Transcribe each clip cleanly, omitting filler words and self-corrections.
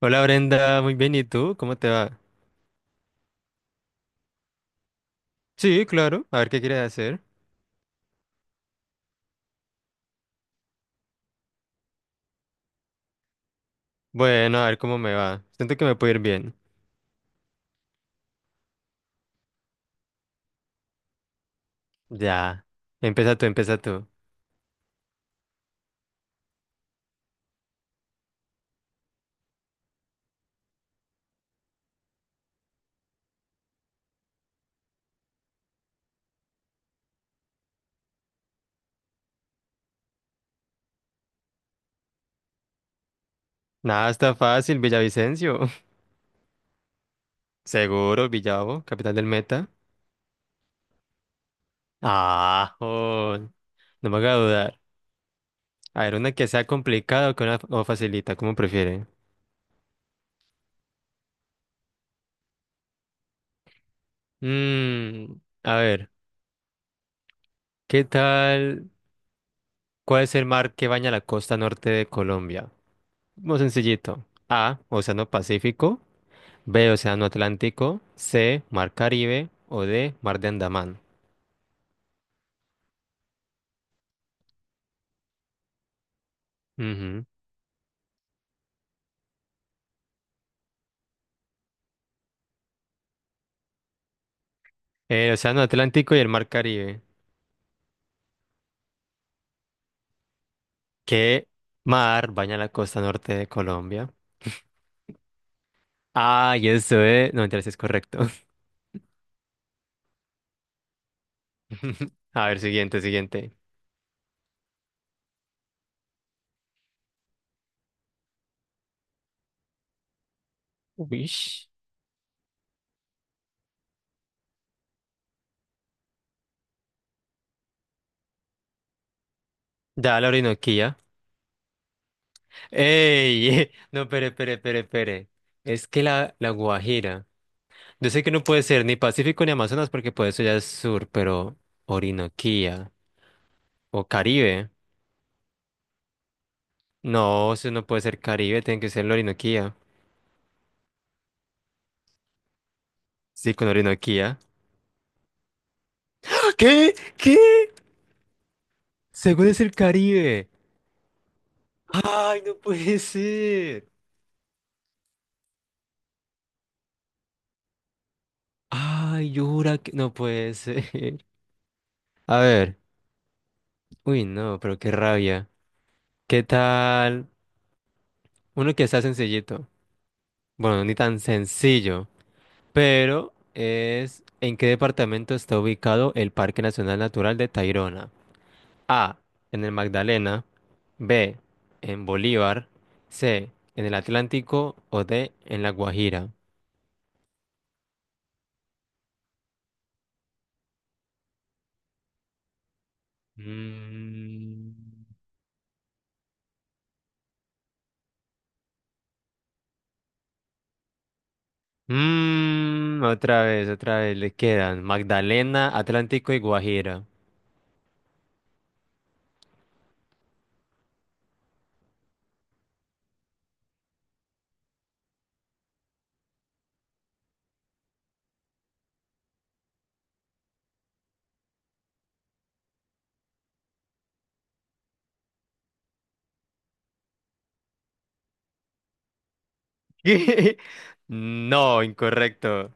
Hola Brenda, muy bien, ¿y tú? ¿Cómo te va? Sí, claro, a ver qué quieres hacer. Bueno, a ver cómo me va. Siento que me puede ir bien. Ya, empieza tú, empieza tú. Nada, está fácil, Villavicencio. Seguro, Villavo, capital del Meta. Ah, jod. No me haga dudar. A ver, una que sea complicada o o facilita, como prefiere. Mmm, a ver, ¿qué tal? ¿Cuál es el mar que baña la costa norte de Colombia? Muy sencillito. A, Océano Pacífico. B, Océano Atlántico. C, Mar Caribe. O D, Mar de Andamán. Ujú. El Océano Atlántico y el Mar Caribe. ¿Qué mar baña la costa norte de Colombia? Ah, y eso es... No, entonces es correcto. A ver, siguiente, siguiente. Uish. Da la Orinoquía. ¡Ey! No, pere, pere, pere, pere. Es que la Guajira. Yo sé que no puede ser ni Pacífico ni Amazonas porque por eso ya es sur, pero Orinoquía o Caribe. No, eso no puede ser Caribe, tiene que ser la Orinoquía. Sí, con Orinoquía. ¡Ah! ¿Qué? ¿Qué? Según es el Caribe. Ay, no puede ser. Ay, yo jura que no puede ser. A ver. Uy, no, pero qué rabia. ¿Qué tal? Uno que está sencillito. Bueno, ni tan sencillo. Pero es, ¿en qué departamento está ubicado el Parque Nacional Natural de Tayrona? A, en el Magdalena, B, en Bolívar, C, en el Atlántico o D, en la Guajira. Mm, otra vez, le quedan Magdalena, Atlántico y Guajira. No, incorrecto.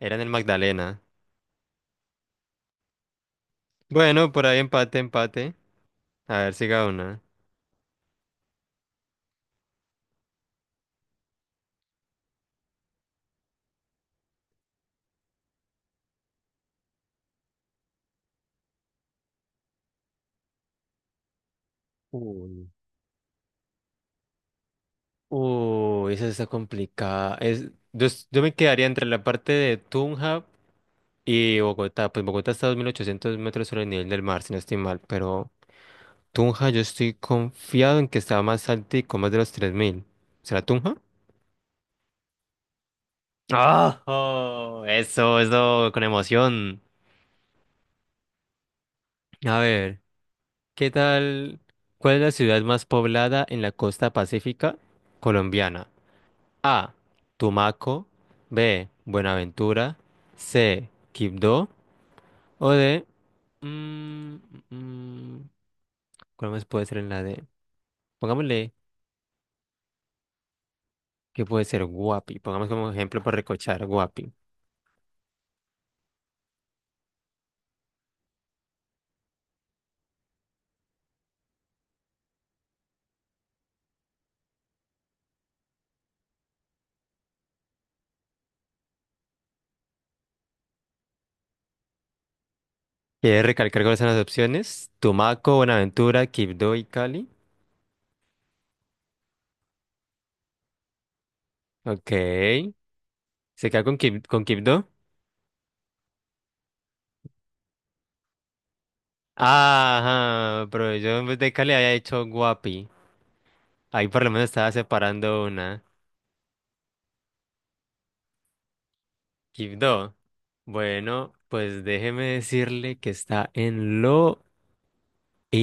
Era en el Magdalena. Bueno, por ahí empate, empate. A ver, siga una. Uy. Uy, esa está complicada. Yo me quedaría entre la parte de Tunja y Bogotá, pues Bogotá está a 2800 metros sobre el nivel del mar, si no estoy mal, pero Tunja yo estoy confiado en que está más alto y con más de los 3000. ¿Será Tunja? ¡Ah! ¡Oh! Eso, con emoción. A ver, ¿qué tal? ¿Cuál es la ciudad más poblada en la costa pacífica colombiana? A. Tumaco. B. Buenaventura. C. Quibdó. O D. Mm, mm, mm, ¿cuál más puede ser en la D? Pongámosle que puede ser Guapi. Pongamos como ejemplo para recochar Guapi. ¿Quieres recalcar cuáles son las opciones? Tumaco, Buenaventura, Quibdó y Cali. Ok. ¿Se queda con, con Quibdó? Ajá, pero yo en vez de Cali había hecho Guapi. Ahí por lo menos estaba separando una. Quibdó. Bueno, pues déjeme decirle que está en lo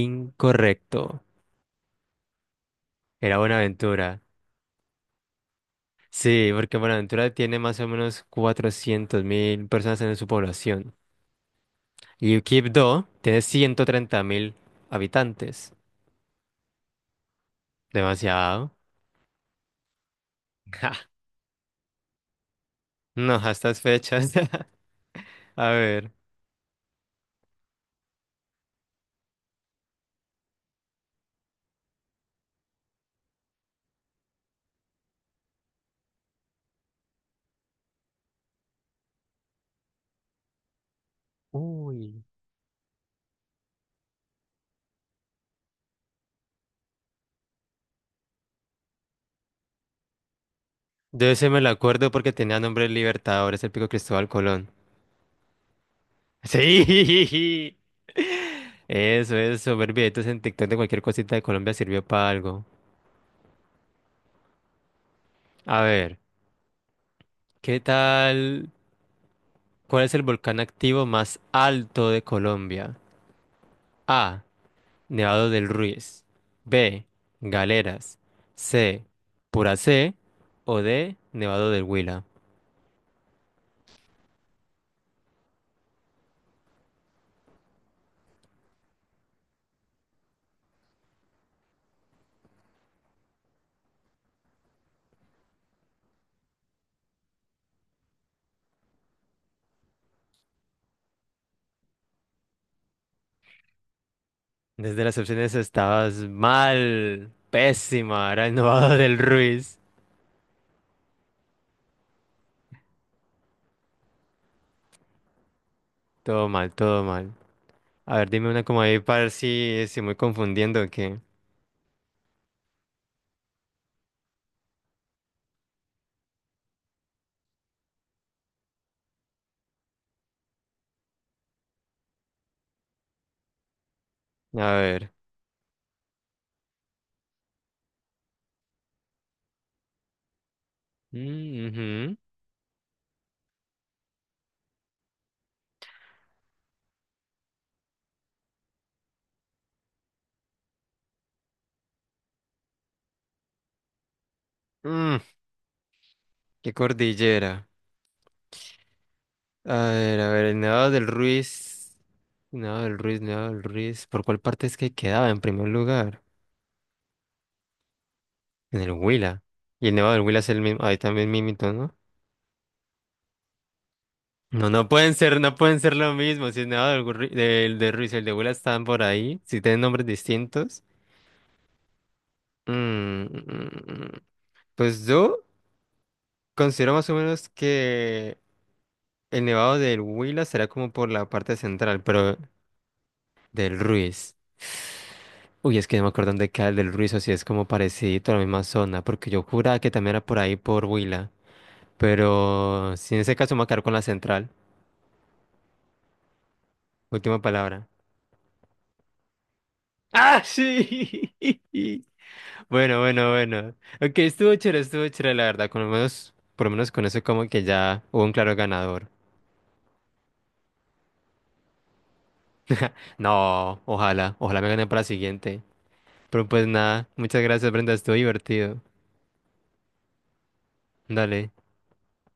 incorrecto. Era Buenaventura. Sí, porque Buenaventura tiene más o menos 400.000 personas en su población. Y Quibdó tiene 130.000 habitantes. Demasiado. Ja, no, a estas fechas. A ver. Uy. De ese me lo acuerdo porque tenía nombre de Libertadores, el pico Cristóbal Colón. Sí. Eso, eso. Ver videitos en TikTok de cualquier cosita de Colombia sirvió para algo. A ver, ¿qué tal? ¿Cuál es el volcán activo más alto de Colombia? A. Nevado del Ruiz. B. Galeras. C. Puracé. O D. Nevado del Huila. Desde las opciones estabas mal. Pésima. Era el Nevado del Ruiz. Todo mal, todo mal. A ver, dime una como ahí para ver si estoy muy confundiendo o qué. A ver. Mm, ujú. Qué cordillera. A ver, el Nevado del Ruiz. Nevado del Ruiz, Nevado del Ruiz. ¿Por cuál parte es que quedaba en primer lugar? En el Huila. Y el Nevado del Huila es el mismo. Ahí también Mimito, ¿no? No, no pueden ser, no pueden ser lo mismo. Si el Nevado del de Ruiz y el de Huila están por ahí, si tienen nombres distintos. Mm, mm, mm. Pues yo considero más o menos que el Nevado del Huila será como por la parte central, pero del Ruiz. Uy, es que no me acuerdo dónde queda el del Ruiz, o si es como parecido a la misma zona, porque yo juraba que también era por ahí por Huila. Pero si en ese caso me voy a quedar con la central. Última palabra. ¡Ah, sí! Bueno, bueno, bueno. Ok, estuvo chévere, la verdad. Con lo menos, por lo menos con eso como que ya hubo un claro ganador. No, ojalá, ojalá me gane para la siguiente. Pero pues nada, muchas gracias, Brenda, estuvo divertido. Dale.